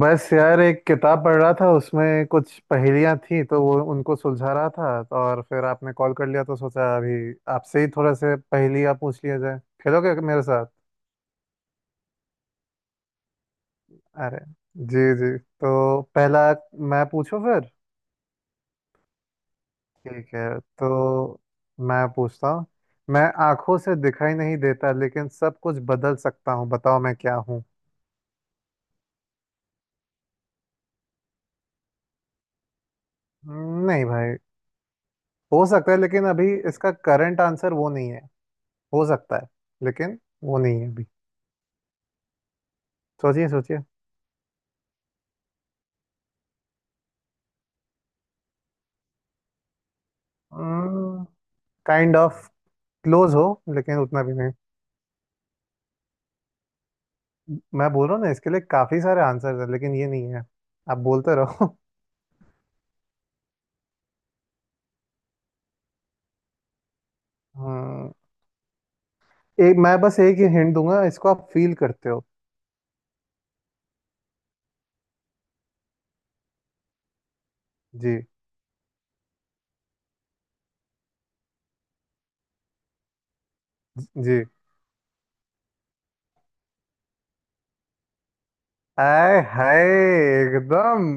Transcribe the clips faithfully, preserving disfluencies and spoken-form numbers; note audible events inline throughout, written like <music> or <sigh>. बस यार, एक किताब पढ़ रहा था। उसमें कुछ पहेलियां थी तो वो उनको सुलझा रहा था। और फिर आपने कॉल कर लिया तो सोचा अभी आपसे ही थोड़ा से पहेलियां पूछ लिया जाए। खेलोगे मेरे साथ? अरे। जी जी, तो पहला मैं पूछूं फिर? ठीक है, तो मैं पूछता हूँ। मैं आंखों से दिखाई नहीं देता लेकिन सब कुछ बदल सकता हूँ, बताओ मैं क्या हूँ? नहीं भाई। हो सकता है लेकिन अभी इसका करंट आंसर वो नहीं है। हो सकता है, लेकिन वो नहीं है अभी। सोचिए सोचिए। काइंड ऑफ क्लोज हो लेकिन उतना भी नहीं। मैं बोल रहा हूँ ना, इसके लिए काफी सारे आंसर्स हैं लेकिन ये नहीं है। आप बोलते रहो। हम्म। एक मैं बस एक ही हिंट दूंगा, इसको आप फील करते हो। जी। जी। आए हाय! एकदम,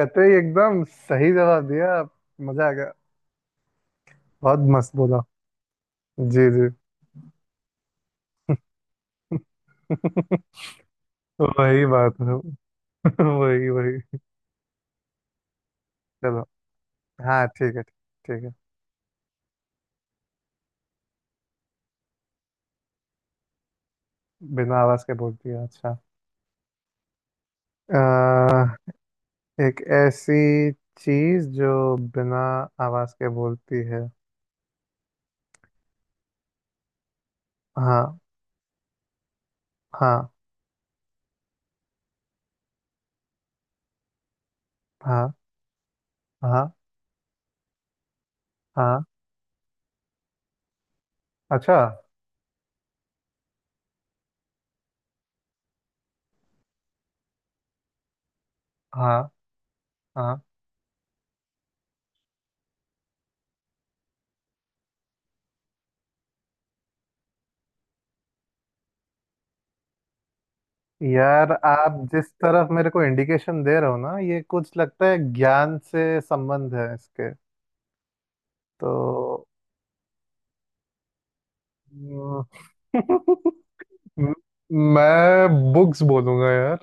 कतई एकदम सही जवाब दिया आप। मजा आ गया। बहुत मस्त बोला। जी जी। <laughs> वही बात है। <laughs> वही वही। चलो। हाँ ठीक है ठीक है। बिना आवाज के बोल दिया? अच्छा। आ, एक ऐसी चीज जो बिना आवाज के बोलती है। हाँ। हाँ। हाँ। हाँ। हाँ। अच्छा। हाँ। हाँ। यार, आप जिस तरफ मेरे को इंडिकेशन दे रहे हो ना, ये कुछ लगता है ज्ञान से संबंध है इसके। तो म- <laughs> मैं बुक्स बोलूंगा यार।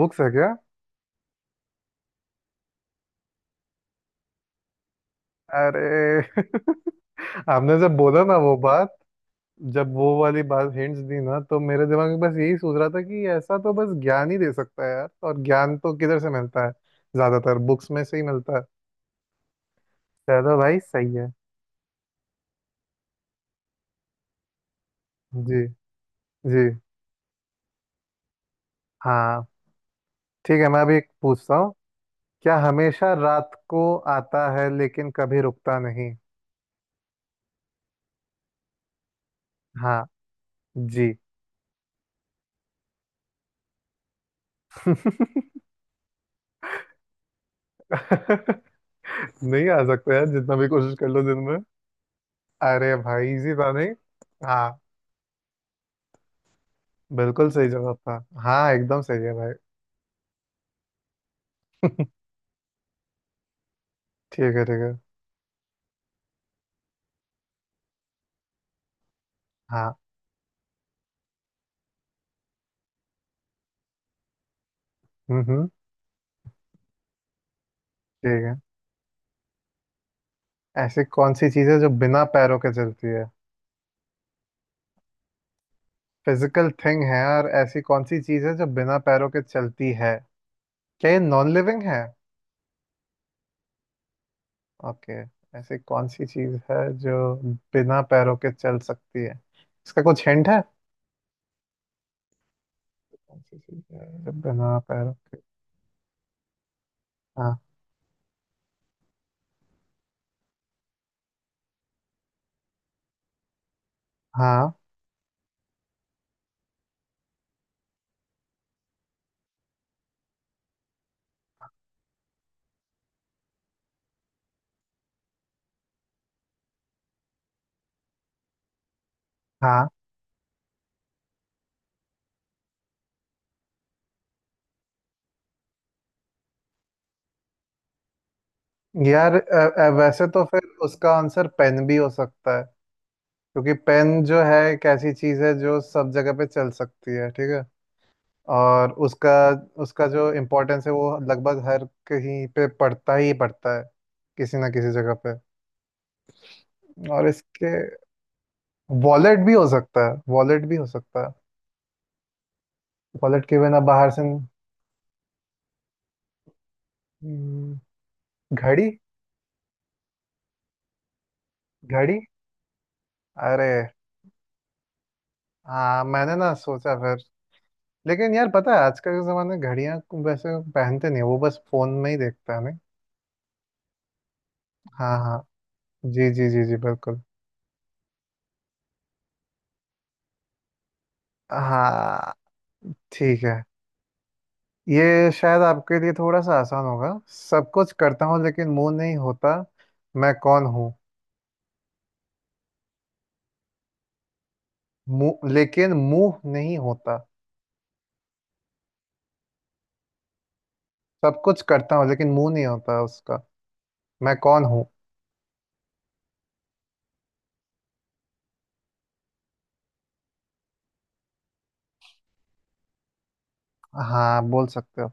बुक्स है क्या? अरे! <laughs> आपने जब बोला ना वो बात, जब वो वाली बात हिंट्स दी ना, तो मेरे दिमाग में बस यही सोच रहा था कि ऐसा तो बस ज्ञान ही दे सकता है यार। और ज्ञान तो किधर से मिलता है? ज्यादातर बुक्स में से ही मिलता है। चलो भाई सही है। जी जी। हाँ ठीक है। मैं अभी एक पूछता हूँ। क्या हमेशा रात को आता है लेकिन कभी रुकता नहीं? हाँ। जी। <laughs> नहीं आ सकता यार, जितना भी कोशिश कर लो दिन में। अरे भाई, इजी था नहीं। हाँ। बिल्कुल सही जवाब था। हाँ, एकदम सही है भाई। ठीक है ठीक है। हाँ। हम्म। ठीक है। ऐसी कौन सी चीज है जो बिना पैरों के चलती है? फिजिकल थिंग है? और ऐसी कौन सी चीज है जो बिना पैरों के चलती है? क्या ये नॉन लिविंग है? ओके। ऐसी कौन सी चीज है जो बिना पैरों के चल सकती है? इसका कुछ हिंट है? कौन सी चीज है जो बिना पैरों के? हाँ। हाँ। हाँ। यार, अ, अ, वैसे तो फिर उसका आंसर पेन भी हो सकता है। क्योंकि पेन जो है एक ऐसी चीज है जो सब जगह पे चल सकती है। ठीक है। और उसका उसका जो इम्पोर्टेंस है वो लगभग हर कहीं पे पड़ता ही पड़ता है, किसी ना किसी जगह पे। और इसके वॉलेट भी हो सकता है। वॉलेट भी हो सकता है। वॉलेट के बिना बाहर से। हम्म। घड़ी। घड़ी। अरे! हाँ, मैंने ना सोचा फिर। लेकिन यार पता है, आजकल के ज़माने में घड़ियाँ को वैसे पहनते नहीं है, वो बस फोन में ही देखता है नहीं। हाँ हाँ। जी जी जी जी बिल्कुल। हाँ ठीक है। ये शायद आपके लिए थोड़ा सा आसान होगा। सब कुछ करता हूँ लेकिन मुंह नहीं होता, मैं कौन हूँ? मुंह, लेकिन मुंह नहीं होता। सब कुछ करता हूँ लेकिन मुंह नहीं होता उसका। मैं कौन हूँ? हाँ बोल सकते हो।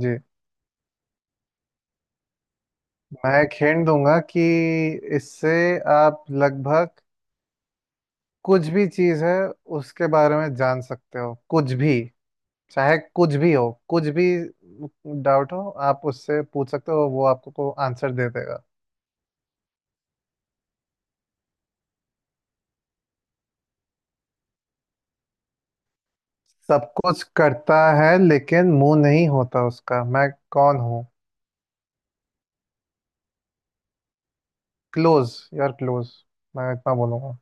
जी। मैं एक hint दूंगा कि इससे आप लगभग कुछ भी चीज़ है उसके बारे में जान सकते हो। कुछ भी, चाहे कुछ भी हो, कुछ भी डाउट हो, आप उससे पूछ सकते हो, वो आपको को आंसर दे देगा। सब कुछ करता है लेकिन मुंह नहीं होता उसका, मैं कौन हूँ? क्लोज यार, क्लोज। मैं इतना बोलूंगा।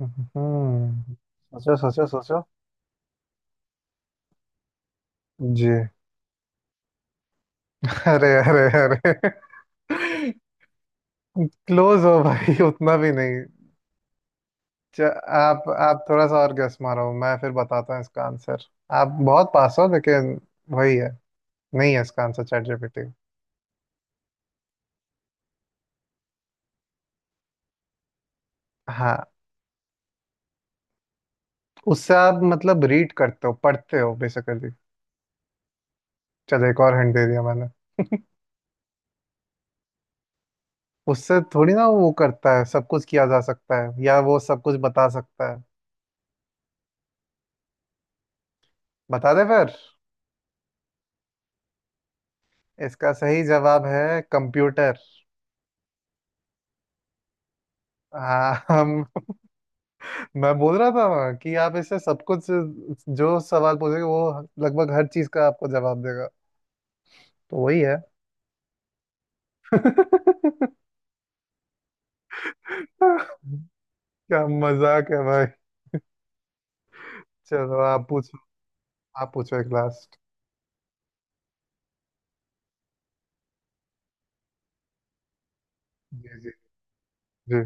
हम्म। सोचो सोचो सोचो। जी। अरे अरे अरे! क्लोज हो भाई, उतना भी नहीं। च- आप आप थोड़ा सा और गेस मारो, मैं फिर बताता हूँ इसका आंसर। आप बहुत पास हो लेकिन वही है। नहीं है इसका आंसर चैट जीपीटी। हाँ। उससे आप मतलब रीड करते हो, पढ़ते हो बेसिकली। चलो एक और हिंट दे दिया मैंने। उससे थोड़ी ना वो करता है, सब कुछ किया जा सकता है, या वो सब कुछ बता सकता है। बता दे फिर। इसका सही जवाब है कंप्यूटर। हाँ हम। मैं बोल रहा था कि आप इससे सब कुछ जो सवाल पूछेंगे, वो लगभग हर चीज का आपको जवाब देगा। तो वही है। <laughs> क्या मजाक है भाई! चलो आप पूछो। आप पूछो एक लास्ट। जी जी। जी।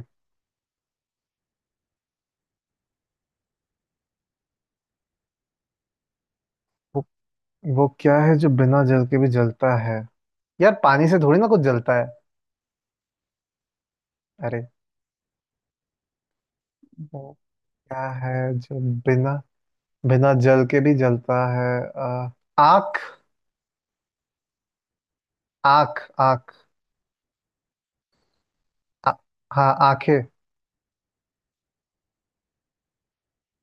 वो, वो क्या है जो बिना जल के भी जलता है? यार, पानी से थोड़ी ना कुछ जलता है। अरे! वो क्या है जो बिना बिना जल के भी जलता है? अ, आँख। आँख आँख। आ- हाँ आंखें।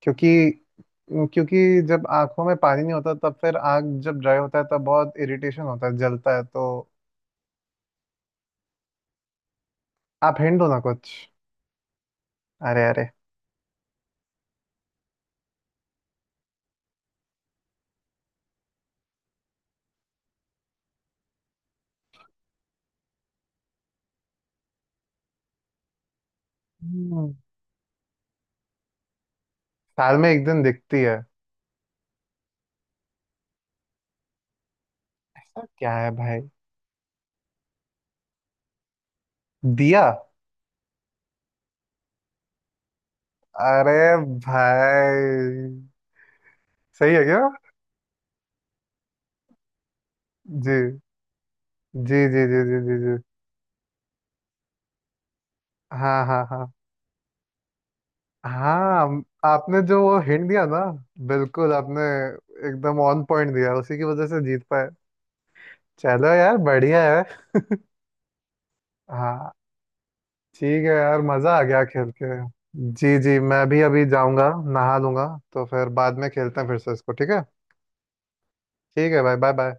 क्योंकि क्योंकि जब आंखों में पानी नहीं होता तब फिर आँख जब ड्राई होता है तब बहुत इरिटेशन होता है, जलता है तो। आप हिंट दो ना कुछ। अरे अरे। हम्म। साल में एक दिन दिखती है? ऐसा क्या है भाई? दिया। अरे भाई! सही है क्या? जी जी जी जी जी जी जी। हाँ हाँ हाँ हाँ। आपने जो वो हिंट दिया ना, बिल्कुल आपने एकदम ऑन पॉइंट दिया, उसी की वजह से जीत पाए। चलो यार बढ़िया है। हाँ। ठीक है यार, मज़ा आ गया खेल के। जी जी, मैं भी अभी जाऊंगा नहा लूंगा। तो फिर बाद में खेलते हैं फिर से इसको। ठीक है। ठीक है भाई। Bye bye.